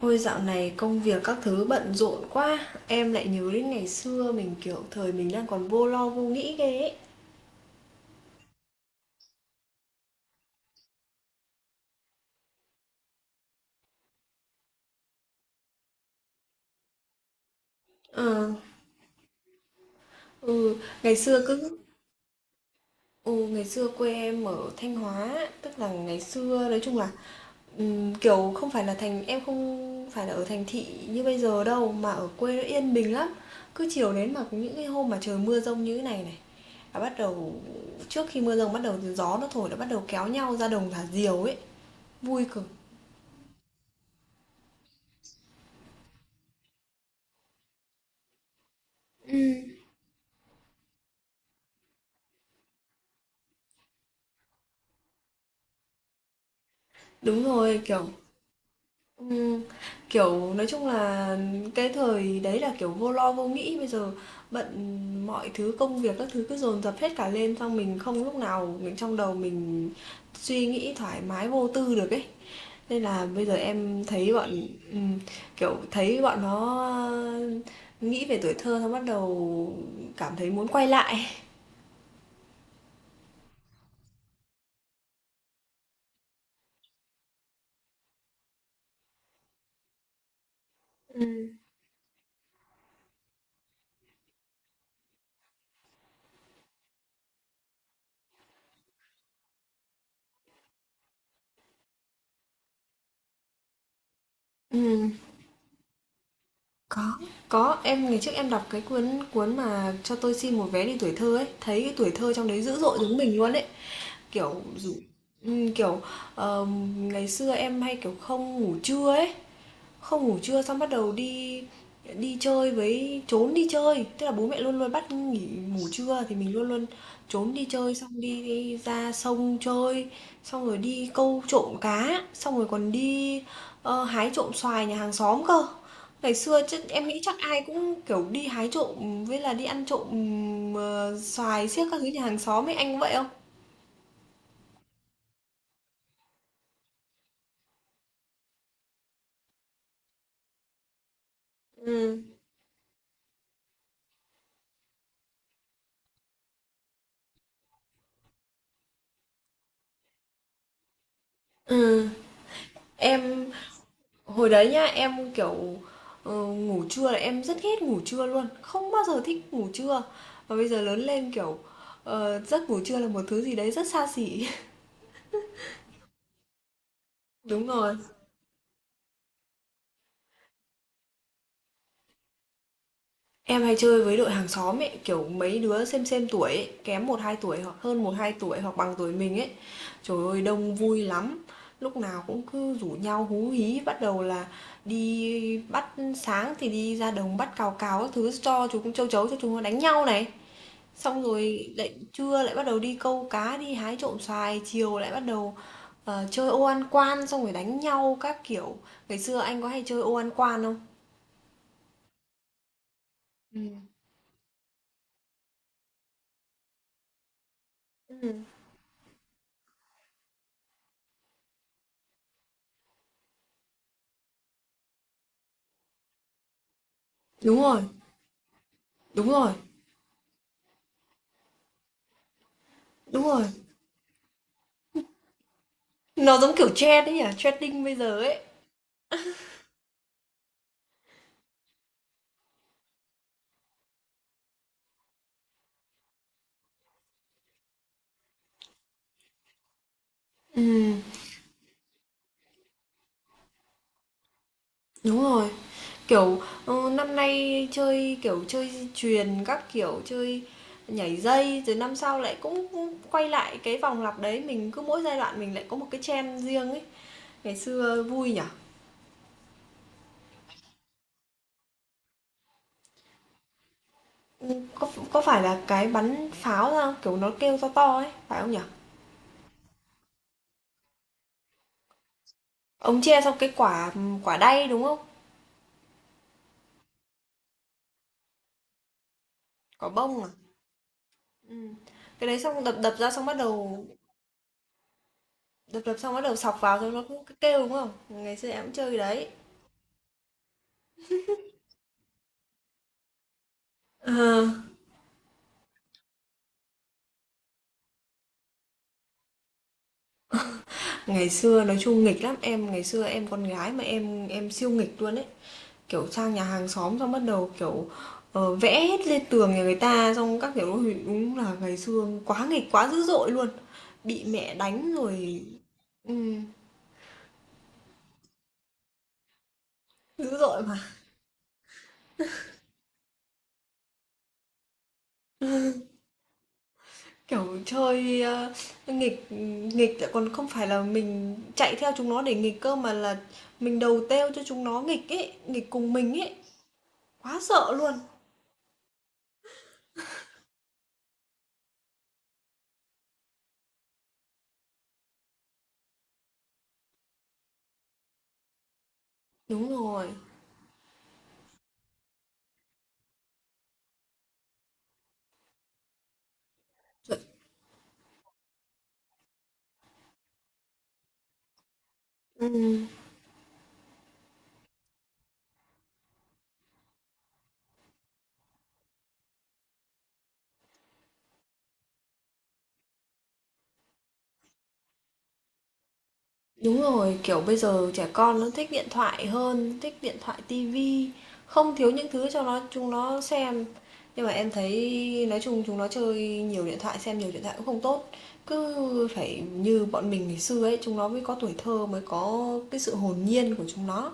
Ôi dạo này công việc các thứ bận rộn quá. Em lại nhớ đến ngày xưa mình kiểu thời mình đang còn vô lo vô nghĩ ghê ấy. Ờ, ừ, ngày xưa cứ ừ, ngày xưa quê em ở Thanh Hóa. Tức là ngày xưa nói chung là kiểu không phải là thành em không phải là ở thành thị như bây giờ đâu. Mà ở quê nó yên bình lắm. Cứ chiều đến mà những cái hôm mà trời mưa rông như thế này này. Là bắt đầu trước khi mưa rông bắt đầu gió nó thổi là bắt đầu kéo nhau ra đồng thả diều ấy. Vui cực. Đúng rồi, kiểu Ừm, kiểu, nói chung là cái thời đấy là, kiểu, vô lo vô nghĩ, bây giờ bận mọi thứ, công việc các thứ cứ dồn dập hết cả lên, xong mình không lúc nào mình trong đầu mình suy nghĩ thoải mái vô tư được ấy. Nên là bây giờ em thấy bọn ừm, kiểu, thấy bọn nó, nghĩ về tuổi thơ xong bắt đầu cảm thấy muốn quay lại. Ừm. Ừm. Có, có, em ngày trước em đọc cái cuốn cuốn mà Cho tôi xin một vé đi tuổi thơ ấy, thấy cái tuổi thơ trong đấy dữ dội giống mình luôn ấy, kiểu dù kiểu ngày xưa em hay kiểu không ngủ trưa ấy, không ngủ trưa xong bắt đầu đi đi chơi với trốn đi chơi, tức là bố mẹ luôn luôn bắt nghỉ ngủ trưa thì mình luôn luôn trốn đi chơi, xong đi đi ra sông chơi, xong rồi đi câu trộm cá, xong rồi còn đi, hái trộm xoài nhà hàng xóm cơ. Ngày xưa chứ em nghĩ chắc ai cũng, kiểu, đi hái trộm với là đi ăn trộm, xoài xiếc các thứ nhà hàng xóm ấy, anh có vậy không? Ừm, ừm, em. Hồi đấy nhá, em, kiểu, ngủ trưa là em rất ghét ngủ trưa luôn, không bao giờ thích ngủ trưa. Và bây giờ lớn lên, kiểu, giấc ngủ trưa là một thứ gì đấy rất xa xỉ. Đúng rồi. Em hay chơi với đội hàng xóm ấy, kiểu, mấy đứa xem tuổi ấy, kém một hai tuổi hoặc hơn một hai tuổi hoặc bằng tuổi mình ấy. Trời ơi, đông vui lắm, lúc nào cũng cứ rủ nhau hú hí, bắt đầu là đi bắt sáng thì đi ra đồng bắt cào cào các thứ cho chúng châu chấu cho chúng nó đánh nhau này. Xong rồi lại trưa lại bắt đầu đi câu cá, đi hái trộm xoài, chiều lại bắt đầu chơi ô ăn quan xong rồi đánh nhau các kiểu. Ngày xưa anh có hay chơi ô ăn quan không? Ừ. Ừ. Đúng rồi, đúng rồi, đúng rồi. Nó giống kiểu trend ấy nhỉ, trending bây giờ ấy. Ừ, đúng rồi. Kiểu năm nay chơi kiểu chơi chuyền các kiểu chơi nhảy dây rồi năm sau lại cũng cũng quay lại cái vòng lặp đấy mình cứ mỗi giai đoạn mình lại có một cái trend riêng ấy. Ngày xưa vui nhỉ. Có phải là cái bắn pháo ra kiểu, nó kêu to to ấy, phải không nhỉ? Ông chia xong cái quả, quả đay, đúng không? Quả bông à? Ừm, cái đấy xong đập đập ra xong bắt đầu đập đập xong bắt đầu sọc vào xong nó cũng cứ kêu, đúng không? Ngày xưa em cũng chơi cái đấy. Ờ, ngày xưa nói chung nghịch lắm, em ngày xưa em con gái mà em siêu nghịch luôn ấy. Kiểu sang nhà hàng xóm xong bắt đầu, kiểu, vẽ hết lên tường nhà người ta xong các kiểu, ôi, đúng là ngày xưa quá nghịch, quá dữ dội luôn, bị mẹ đánh rồi ừm. Dữ dội mà, kiểu, chơi, nghịch nghịch lại còn không phải là mình chạy theo chúng nó để nghịch cơ mà là mình đầu têu cho chúng nó nghịch ấy, nghịch cùng mình ấy, quá sợ luôn. Đúng rồi, chuẩn. Ừm. Đúng rồi, kiểu, bây giờ trẻ con nó thích điện thoại hơn, thích điện thoại, tivi, không thiếu những thứ cho nó chúng nó xem. Nhưng mà em thấy nói chung chúng nó chơi nhiều điện thoại, xem nhiều điện thoại cũng không tốt. Cứ phải như bọn mình ngày xưa ấy, chúng nó mới có tuổi thơ, mới có cái sự hồn nhiên của chúng nó.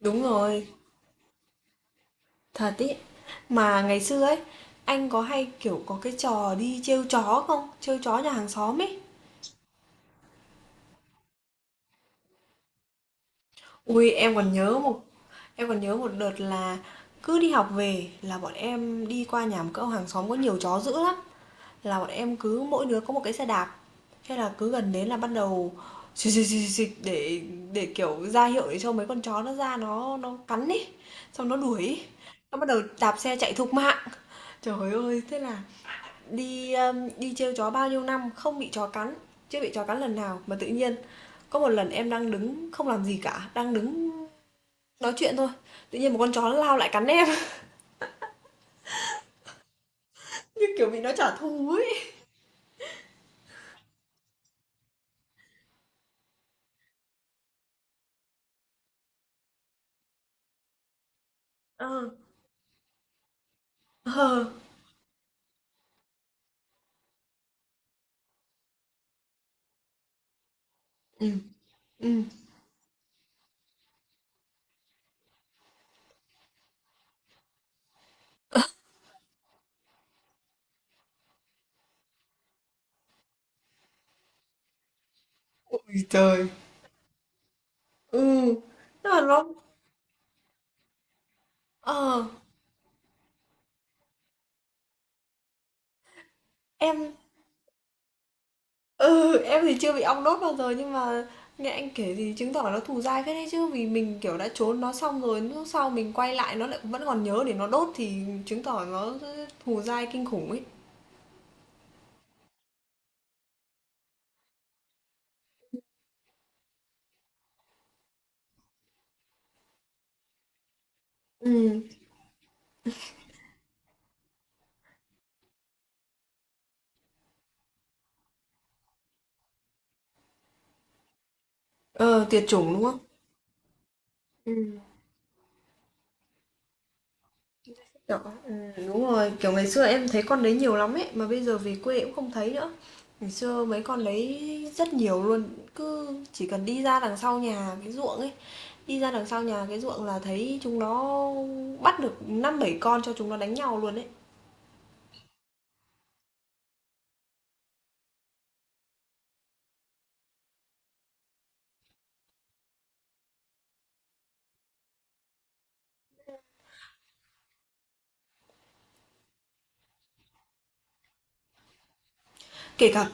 Đúng rồi, thật ý. Mà ngày xưa ấy, anh có hay, kiểu, có cái trò đi trêu chó không? Trêu chó nhà hàng xóm ấy. Ui em còn nhớ một em còn nhớ một đợt là cứ đi học về là bọn em đi qua nhà một cậu hàng xóm có nhiều chó dữ lắm, là bọn em cứ mỗi đứa có một cái xe đạp. Thế là cứ gần đến là bắt đầu xịt xịt xịt xịt để kiểu ra hiệu để cho mấy con chó nó ra nó cắn đi xong nó đuổi ấy. Nó bắt đầu đạp xe chạy thục mạng. Trời ơi, thế là đi đi trêu chó bao nhiêu năm không bị chó cắn, chưa bị chó cắn lần nào mà tự nhiên có một lần em đang đứng không làm gì cả, đang đứng nói chuyện thôi, tự nhiên một con chó nó lao lại cắn em. Như kiểu bị nó trả thù ấy. Ờ. Ờ. Ừ. Ừ. Ôi trời. Ừ. Nhưng mà nó ờ em ừ em thì chưa bị ong đốt bao giờ nhưng mà nghe anh kể thì chứng tỏ nó thù dai phết đấy chứ vì mình kiểu đã trốn nó xong rồi lúc sau mình quay lại nó lại vẫn còn nhớ để nó đốt thì chứng tỏ nó thù dai kinh khủng ấy. Ừ. Ờ tuyệt chủng đúng không? Ừ. Đỏ, đúng rồi, kiểu, ngày xưa em thấy con đấy nhiều lắm ấy, mà bây giờ về quê cũng không thấy nữa. Ngày xưa mấy con đấy rất nhiều luôn, cứ chỉ cần đi ra đằng sau nhà cái ruộng ấy, đi ra đằng sau nhà cái ruộng là thấy chúng nó bắt được năm bảy con cho chúng nó đánh nhau luôn ấy. Kể cả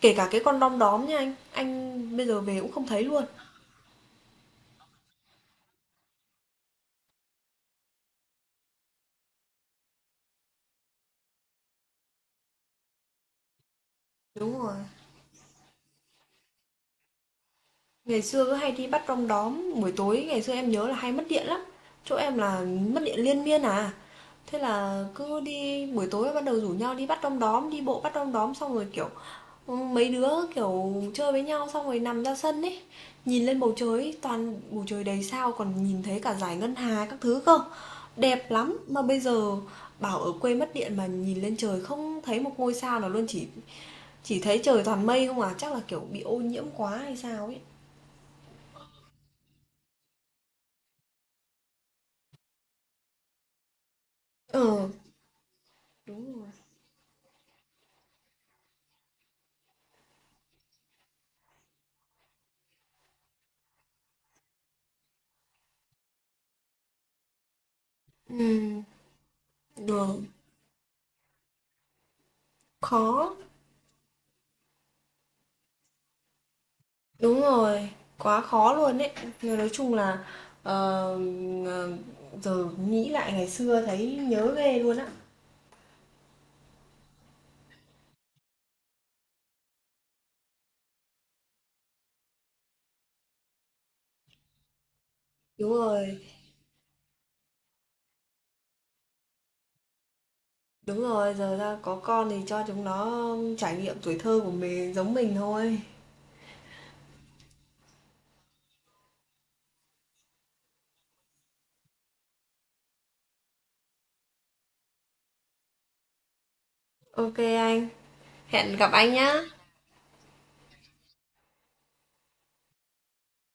kể cả cái con đom đóm nha anh bây giờ về cũng không thấy luôn. Đúng rồi. Ngày xưa cứ hay đi bắt đom đóm, buổi tối ngày xưa em nhớ là hay mất điện lắm. Chỗ em là mất điện liên miên à. Thế là cứ đi buổi tối bắt đầu rủ nhau đi bắt đom đóm, đi bộ bắt đom đóm xong rồi kiểu ừ, mấy đứa kiểu chơi với nhau xong rồi nằm ra sân ấy, nhìn lên bầu trời toàn bầu trời đầy sao còn nhìn thấy cả dải ngân hà các thứ cơ. Đẹp lắm mà bây giờ bảo ở quê mất điện mà nhìn lên trời không thấy một ngôi sao nào luôn chỉ thấy trời toàn mây không à, chắc là kiểu bị ô nhiễm quá hay sao ấy. Ừ, đúng rồi. Ừ, được, khó. Đúng rồi, quá khó luôn đấy nhưng nói chung là, ờ, ờ, giờ nghĩ lại ngày xưa thấy nhớ ghê luôn á. Đúng rồi, đúng rồi, giờ ra có con thì cho chúng nó trải nghiệm tuổi thơ của mình giống mình thôi. OK anh, hẹn gặp anh nhá.